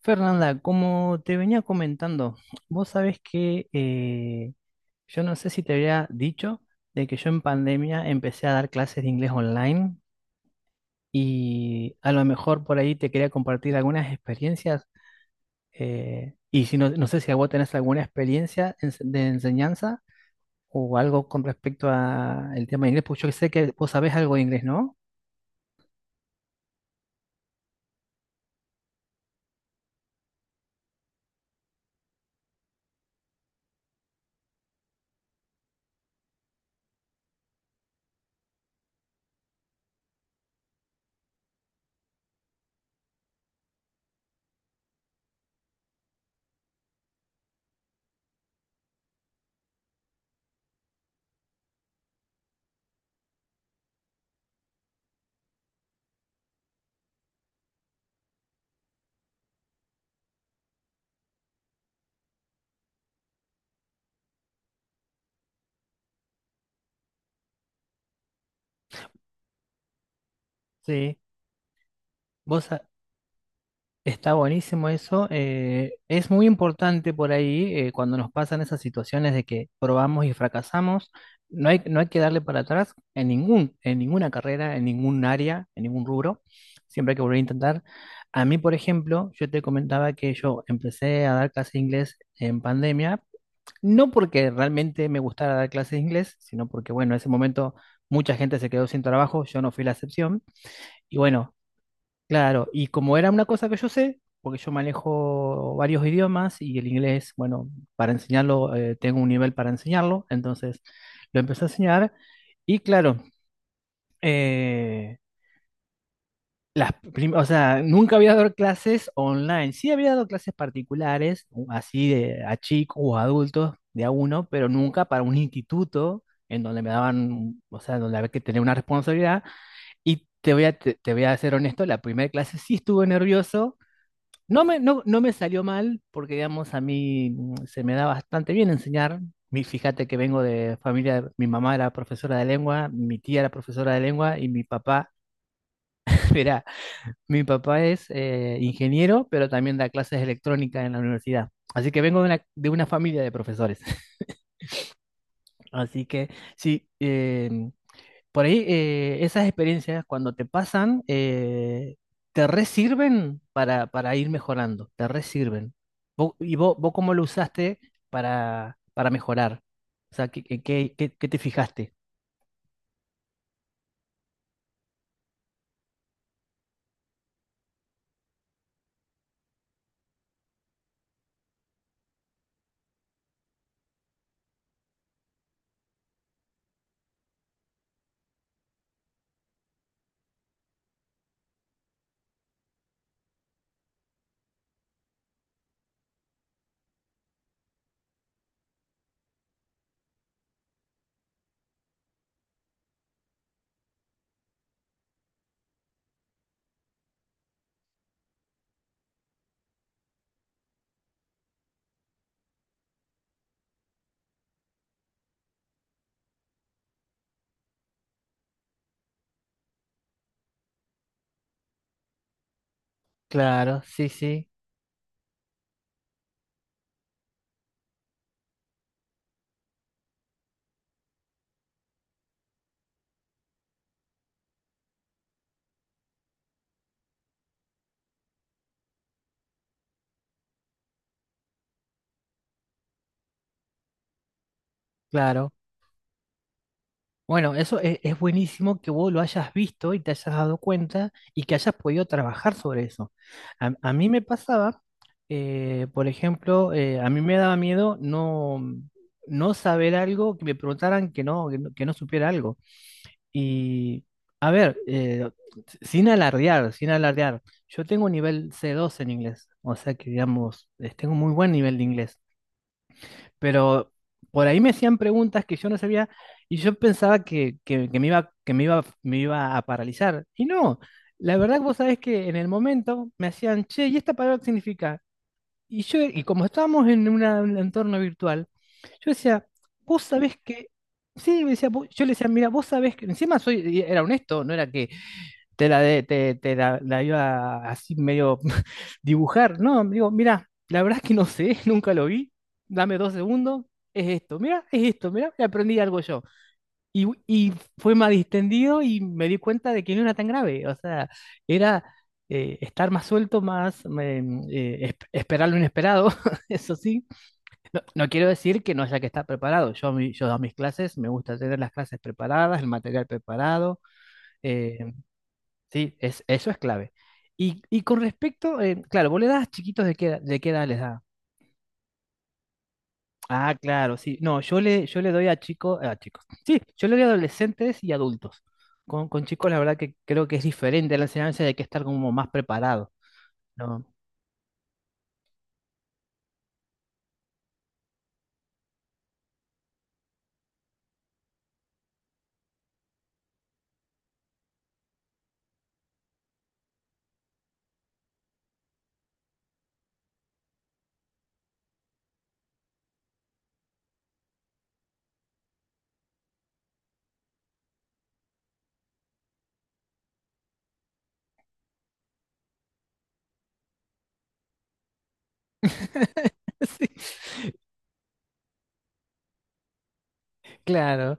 Fernanda, como te venía comentando, vos sabés que yo no sé si te había dicho de que yo en pandemia empecé a dar clases de inglés online y a lo mejor por ahí te quería compartir algunas experiencias y si no, no sé si a vos tenés alguna experiencia de enseñanza o algo con respecto al tema de inglés, pues yo sé que vos sabés algo de inglés, ¿no? Sí. ¿Vos, Está buenísimo eso. Es muy importante por ahí cuando nos pasan esas situaciones de que probamos y fracasamos. No hay que darle para atrás en en ninguna carrera, en ningún área, en ningún rubro. Siempre hay que volver a intentar. A mí, por ejemplo, yo te comentaba que yo empecé a dar clases de inglés en pandemia, no porque realmente me gustara dar clases de inglés, sino porque, bueno, en ese momento mucha gente se quedó sin trabajo, yo no fui la excepción. Y bueno, claro, y como era una cosa que yo sé, porque yo manejo varios idiomas y el inglés, bueno, para enseñarlo, tengo un nivel para enseñarlo, entonces lo empecé a enseñar y claro, eh, o sea, nunca había dado clases online, sí había dado clases particulares, así de, a chicos o adultos, de a uno, pero nunca para un instituto en donde me daban, o sea, donde había que tener una responsabilidad y te voy a ser honesto, la primera clase sí estuve nervioso. No me salió mal, porque digamos, a mí se me da bastante bien enseñar. Fíjate que vengo de familia, mi mamá era profesora de lengua, mi tía era profesora de lengua y mi papá, era, mi papá es ingeniero, pero también da clases de electrónica en la universidad. Así que vengo de una familia de profesores. Así que sí, por ahí esas experiencias cuando te pasan, te resirven para ir mejorando, te resirven. ¿Y vos, vos cómo lo usaste para mejorar? O sea, qué te fijaste? Claro, sí, sí, claro. Bueno, eso es buenísimo que vos lo hayas visto y te hayas dado cuenta y que hayas podido trabajar sobre eso. A mí me pasaba, por ejemplo, a mí me daba miedo no, no saber algo, que me preguntaran que no, que no, que no supiera algo. Y, a ver, sin alardear, sin alardear, yo tengo un nivel C2 en inglés, o sea que, digamos, tengo muy buen nivel de inglés, pero por ahí me hacían preguntas que yo no sabía y yo pensaba que, que me iba, me iba a paralizar. Y no, la verdad que vos sabés que en el momento me hacían, che, ¿y esta palabra qué significa? Y yo, y como estábamos en un entorno virtual, yo decía, vos sabés que, sí, me decía, "vos-". Yo le decía, mira, vos sabés que, encima soy, y era honesto, no era que te la, de- te la, la iba así medio dibujar, no, digo, mira, la verdad es que no sé, nunca lo vi, dame dos segundos, es esto, mira, y aprendí algo yo. Y fue más distendido y me di cuenta de que no era tan grave, o sea, era estar más suelto, más esperar lo inesperado, eso sí. No, no quiero decir que no haya que estar preparado, yo, yo a mis clases me gusta tener las clases preparadas, el material preparado, eh, sí, es, eso es clave. Y con respecto, claro, vos le das chiquitos de qué edad les da. Ah, claro, sí. No, yo le doy a chicos, a chicos. Sí, yo le doy a adolescentes y adultos. Con chicos, la verdad que creo que es diferente la enseñanza, hay que estar como más preparado, ¿no? Sí, claro,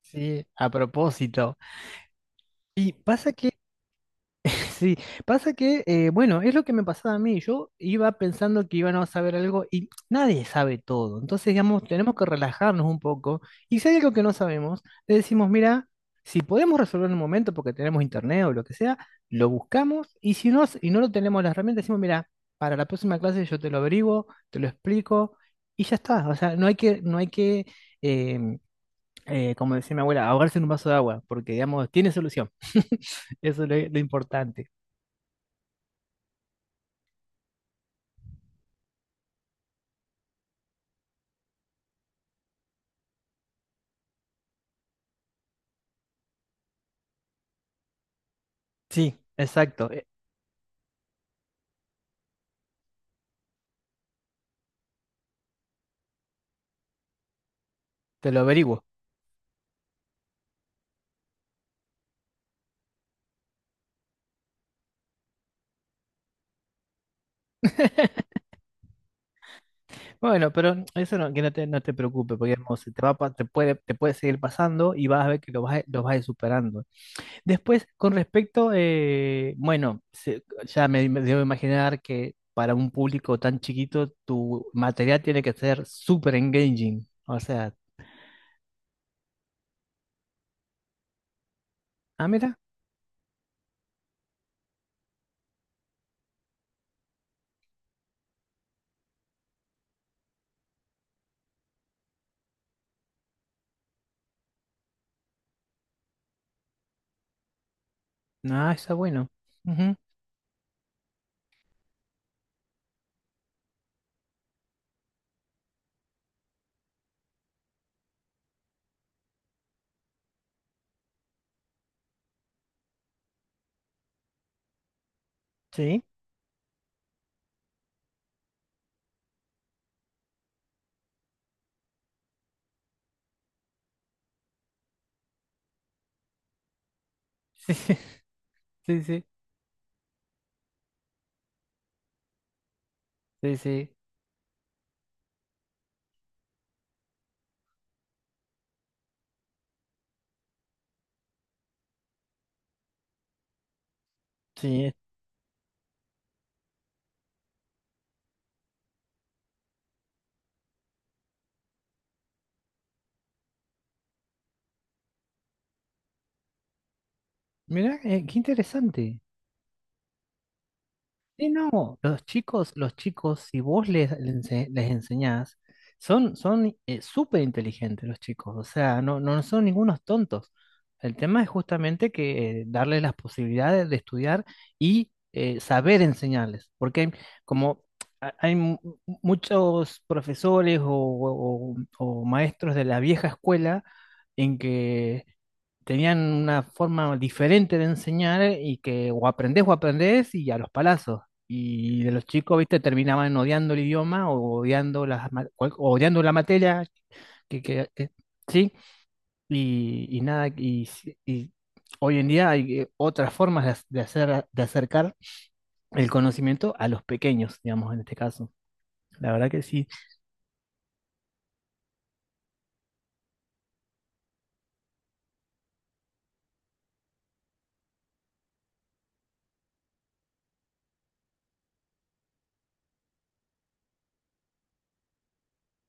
sí, a propósito. Y pasa que sí, pasa que, bueno, es lo que me pasaba a mí. Yo iba pensando que íbamos a saber algo y nadie sabe todo. Entonces, digamos, tenemos que relajarnos un poco. Y si hay algo que no sabemos, le decimos, mira, si podemos resolver en un momento porque tenemos internet o lo que sea, lo buscamos. Y si no, y no lo tenemos las herramientas, decimos, mira, para la próxima clase yo te lo averiguo, te lo explico y ya está. O sea, no hay que, em, como decía mi abuela, ahogarse en un vaso de agua porque, digamos, tiene solución. Eso es lo importante. Sí, exacto, te lo averiguo. Bueno, pero eso no, que no te, no te preocupes, porque digamos, se te va, te puede seguir pasando y vas a ver que lo vas, lo vas a ir superando. Después, con respecto, bueno, ya me debo imaginar que para un público tan chiquito tu material tiene que ser super engaging. O sea, ah, mira, no, está bueno. Ujú, sí, sí, sí, sí, sí, sí, sí. Mira, qué interesante. Sí, no, los chicos, si vos les, les enseñás, son, son súper inteligentes los chicos, o sea, no, no son ningunos tontos. El tema es justamente que darles las posibilidades de estudiar y saber enseñarles, porque hay- como ha- hay mu- muchos profesores o maestros de la vieja escuela en que tenían una forma diferente de enseñar y que o aprendés y a los palazos. Y de los chicos, viste, terminaban odiando el idioma o odiando, o odiando la materia, que, que- que- sí, y nada, y, si- y hoy en día hay otras formas de, de hacer, de acercar el conocimiento a los pequeños, digamos, en este caso. La verdad que sí.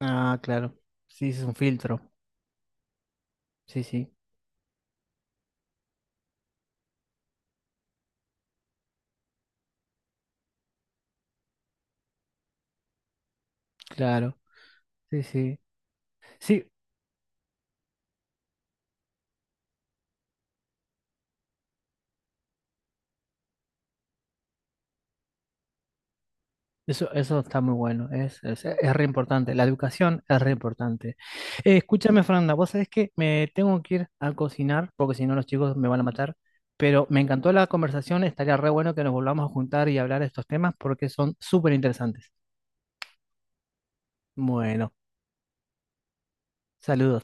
Ah, claro, sí, es un filtro, sí, sí, claro, sí, sí. Sí, eso está muy bueno, es re importante, la educación es re importante. Escúchame, Fernanda, vos sabés que me tengo que ir a cocinar, porque si no los chicos me van a matar, pero me encantó la conversación, estaría re bueno que nos volvamos a juntar y hablar de estos temas porque son súper interesantes. Bueno, saludos.